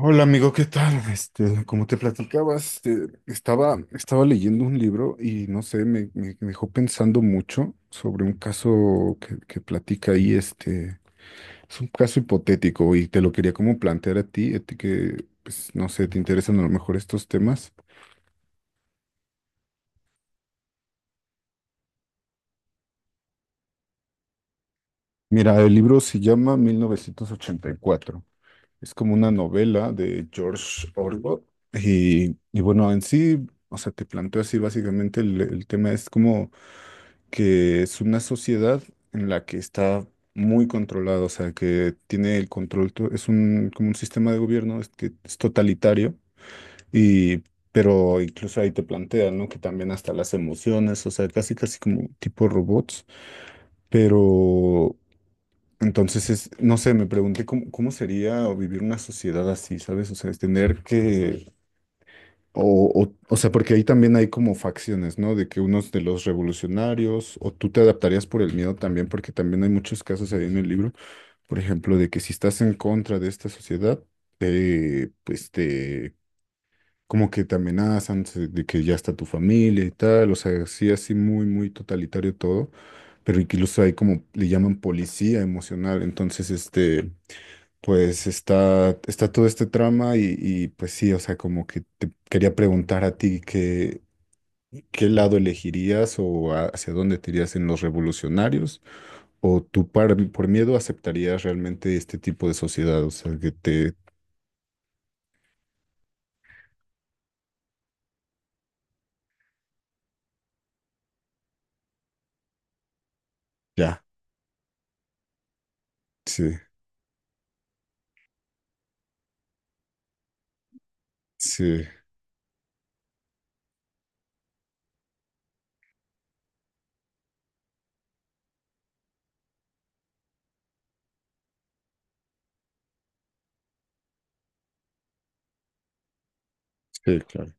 Hola amigo, ¿qué tal? Como te platicaba, estaba leyendo un libro y no sé, me dejó pensando mucho sobre un caso que platica ahí, es un caso hipotético y te lo quería como plantear a ti, que, pues, no sé, te interesan a lo mejor estos temas. Mira, el libro se llama 1984. Es como una novela de George Orwell y bueno, en sí, o sea, te planteo así básicamente el tema es como que es una sociedad en la que está muy controlado, o sea, que tiene el control, es un, como un sistema de gobierno es que es totalitario, y, pero incluso ahí te plantean, ¿no? Que también hasta las emociones, o sea, casi casi como tipo robots, pero entonces es, no sé, me pregunté cómo sería vivir una sociedad así, ¿sabes? O sea, es tener que o sea, porque ahí también hay como facciones, ¿no? De que unos de los revolucionarios, o tú te adaptarías por el miedo también, porque también hay muchos casos ahí en el libro, por ejemplo, de que si estás en contra de esta sociedad, pues te, como que te amenazan de que ya está tu familia y tal, o sea, sí, así muy, muy totalitario todo, pero incluso hay como, le llaman policía emocional, entonces. Pues está todo este trama pues sí, o sea, como que te quería preguntar a ti qué lado elegirías o hacia dónde te irías en los revolucionarios o tú por miedo aceptarías realmente este tipo de sociedad, o sea, ya, sí, sí, sí, claro.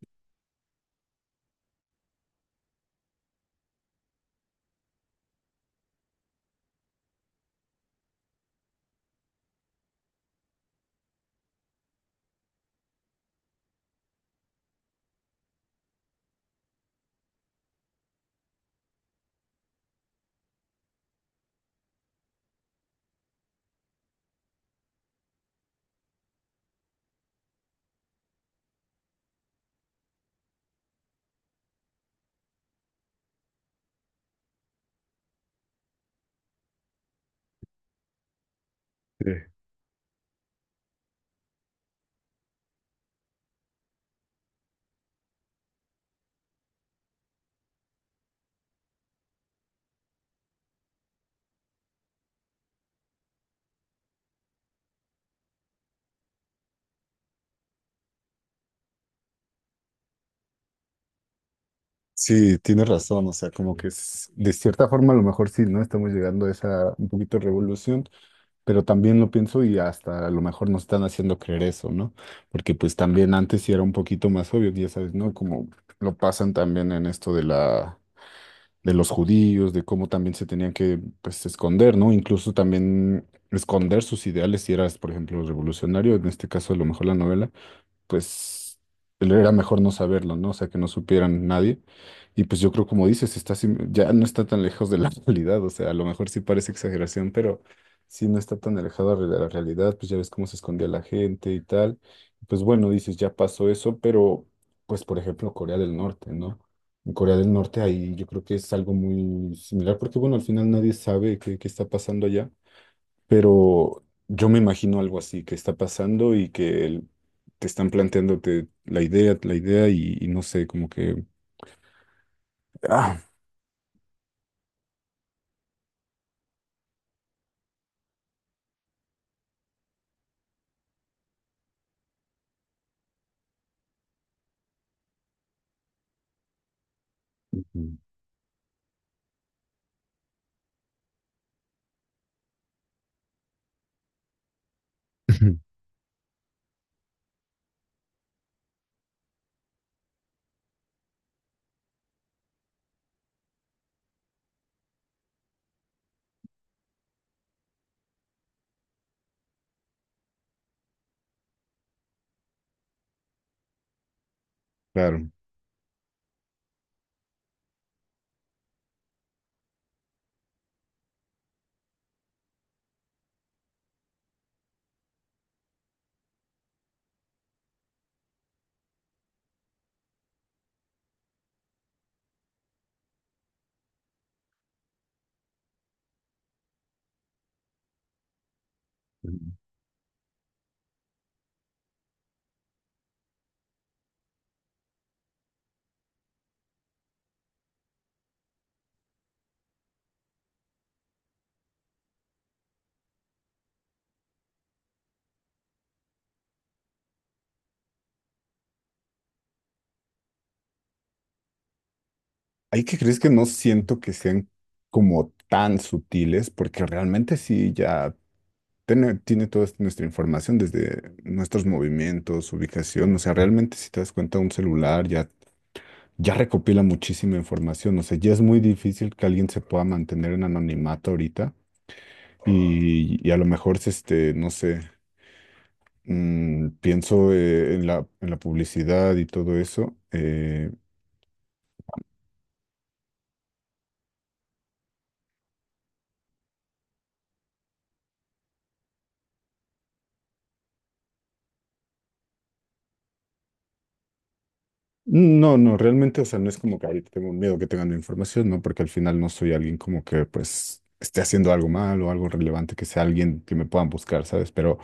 Sí, sí, tienes razón, o sea, como que de cierta forma a lo mejor sí, ¿no? Estamos llegando a esa un poquito revolución. Pero también lo pienso y hasta a lo mejor nos están haciendo creer eso, ¿no? Porque pues también antes sí era un poquito más obvio, ya sabes, ¿no? Como lo pasan también en esto de los judíos, de cómo también se tenían que pues esconder, ¿no? Incluso también esconder sus ideales si eras, por ejemplo, revolucionario, en este caso a lo mejor la novela pues era mejor no saberlo, ¿no? O sea, que no supieran nadie. Y pues yo creo, como dices, está ya no está tan lejos de la realidad, o sea, a lo mejor sí parece exageración, pero sí no está tan alejado de la realidad, pues ya ves cómo se escondía la gente y tal. Pues bueno, dices, ya pasó eso, pero pues por ejemplo, Corea del Norte, ¿no? En Corea del Norte ahí yo creo que es algo muy similar, porque bueno, al final nadie sabe qué está pasando allá. Pero yo me imagino algo así que está pasando y que te están planteándote la idea y no sé. Ah, ujú. Ujú. Claro. Ujú. Hay que crees que no siento que sean como tan sutiles, porque realmente sí ya tiene toda nuestra información desde nuestros movimientos, ubicación, o sea, realmente si te das cuenta un celular ya recopila muchísima información, o sea, ya es muy difícil que alguien se pueda mantener en anonimato ahorita. Y a lo mejor es no sé, pienso en la publicidad y todo eso. No, no, realmente, o sea, no es como que ahorita tengo miedo que tengan mi información, ¿no? Porque al final no soy alguien como que, pues, esté haciendo algo mal o algo relevante que sea alguien que me puedan buscar, ¿sabes? Pero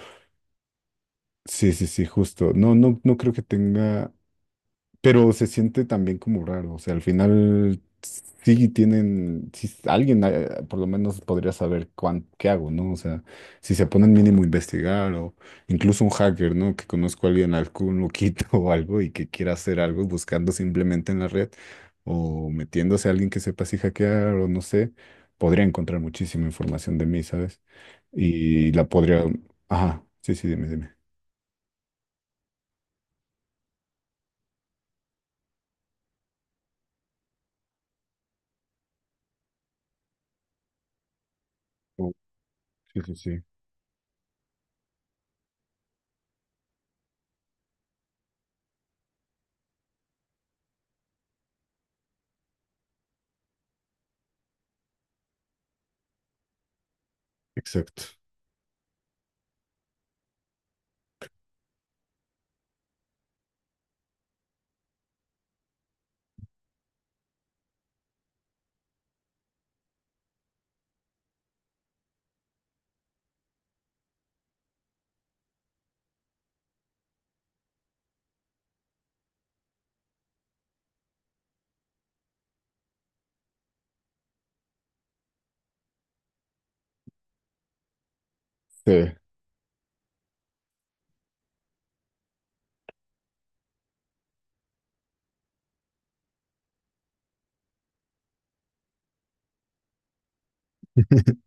sí, sí, sí, justo. No, no, no creo que tenga. Pero se siente también como raro, o sea, al final sí tienen, si alguien por lo menos podría saber qué hago, ¿no? O sea, si se ponen mínimo a investigar o incluso un hacker, ¿no? Que conozco a alguien, algún loquito o algo y que quiera hacer algo buscando simplemente en la red o metiéndose a alguien que sepa si hackear o no sé, podría encontrar muchísima información de mí, ¿sabes? Y la podría. Ajá, sí, sí, dime, dime. Oh, sí, sí, sí, exacto. Sí.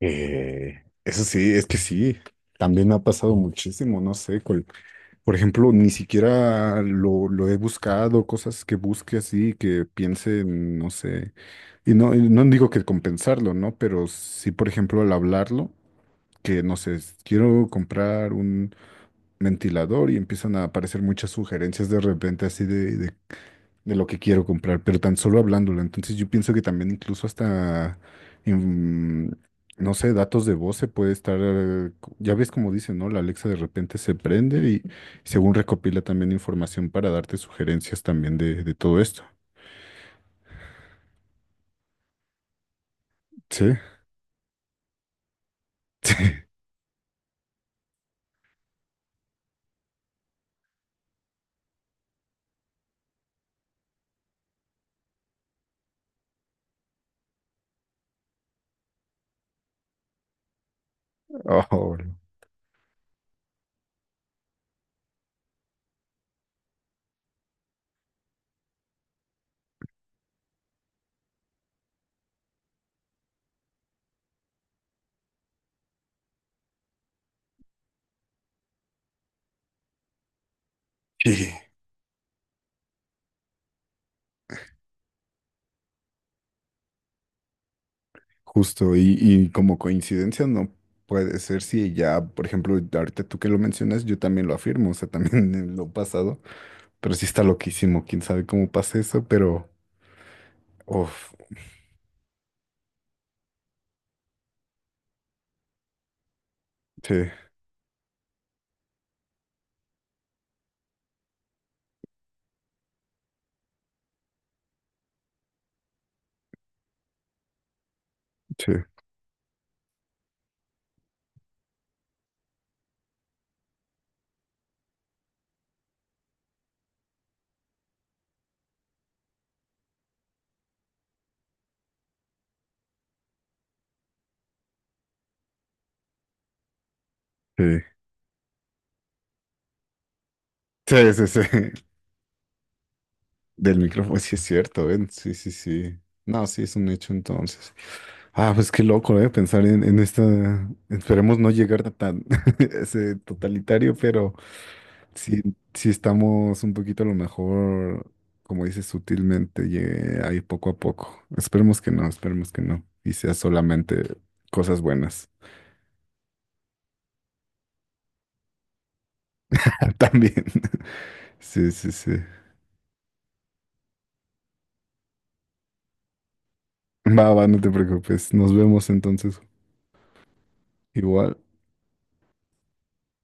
Eso sí, es que sí, también me ha pasado muchísimo, no sé, por ejemplo, ni siquiera lo he buscado, cosas que busque así, que piense, no sé, y no digo que compensarlo, ¿no? Pero sí, por ejemplo, al hablarlo, que no sé, quiero comprar un ventilador y empiezan a aparecer muchas sugerencias de repente así de lo que quiero comprar, pero tan solo hablándolo. Entonces yo pienso que también incluso hasta, en, no sé, datos de voz se puede estar, ya ves como dicen, ¿no? La Alexa de repente se prende y según recopila también información para darte sugerencias también de todo esto. Sí, sí. Oh, sí. Justo, y como coincidencia no puede ser si ya, por ejemplo, ahorita tú que lo mencionas, yo también lo afirmo, o sea, también en lo pasado, pero sí está loquísimo, quién sabe cómo pasa eso, pero... Uf, sí, sí, sí. Sí, sí, sí. Del micrófono, sí es cierto, ven. Sí, sí, sí. No, sí, es un hecho entonces. Ah, pues qué loco, ¿eh? Pensar en esta. Esperemos no llegar a tan ese totalitario, pero sí, sí estamos un poquito a lo mejor, como dices, sutilmente, llegue ahí poco a poco. Esperemos que no, esperemos que no. Y sea solamente cosas buenas. También. Sí, sí, sí. Va, va, no te preocupes. Nos vemos entonces. Igual.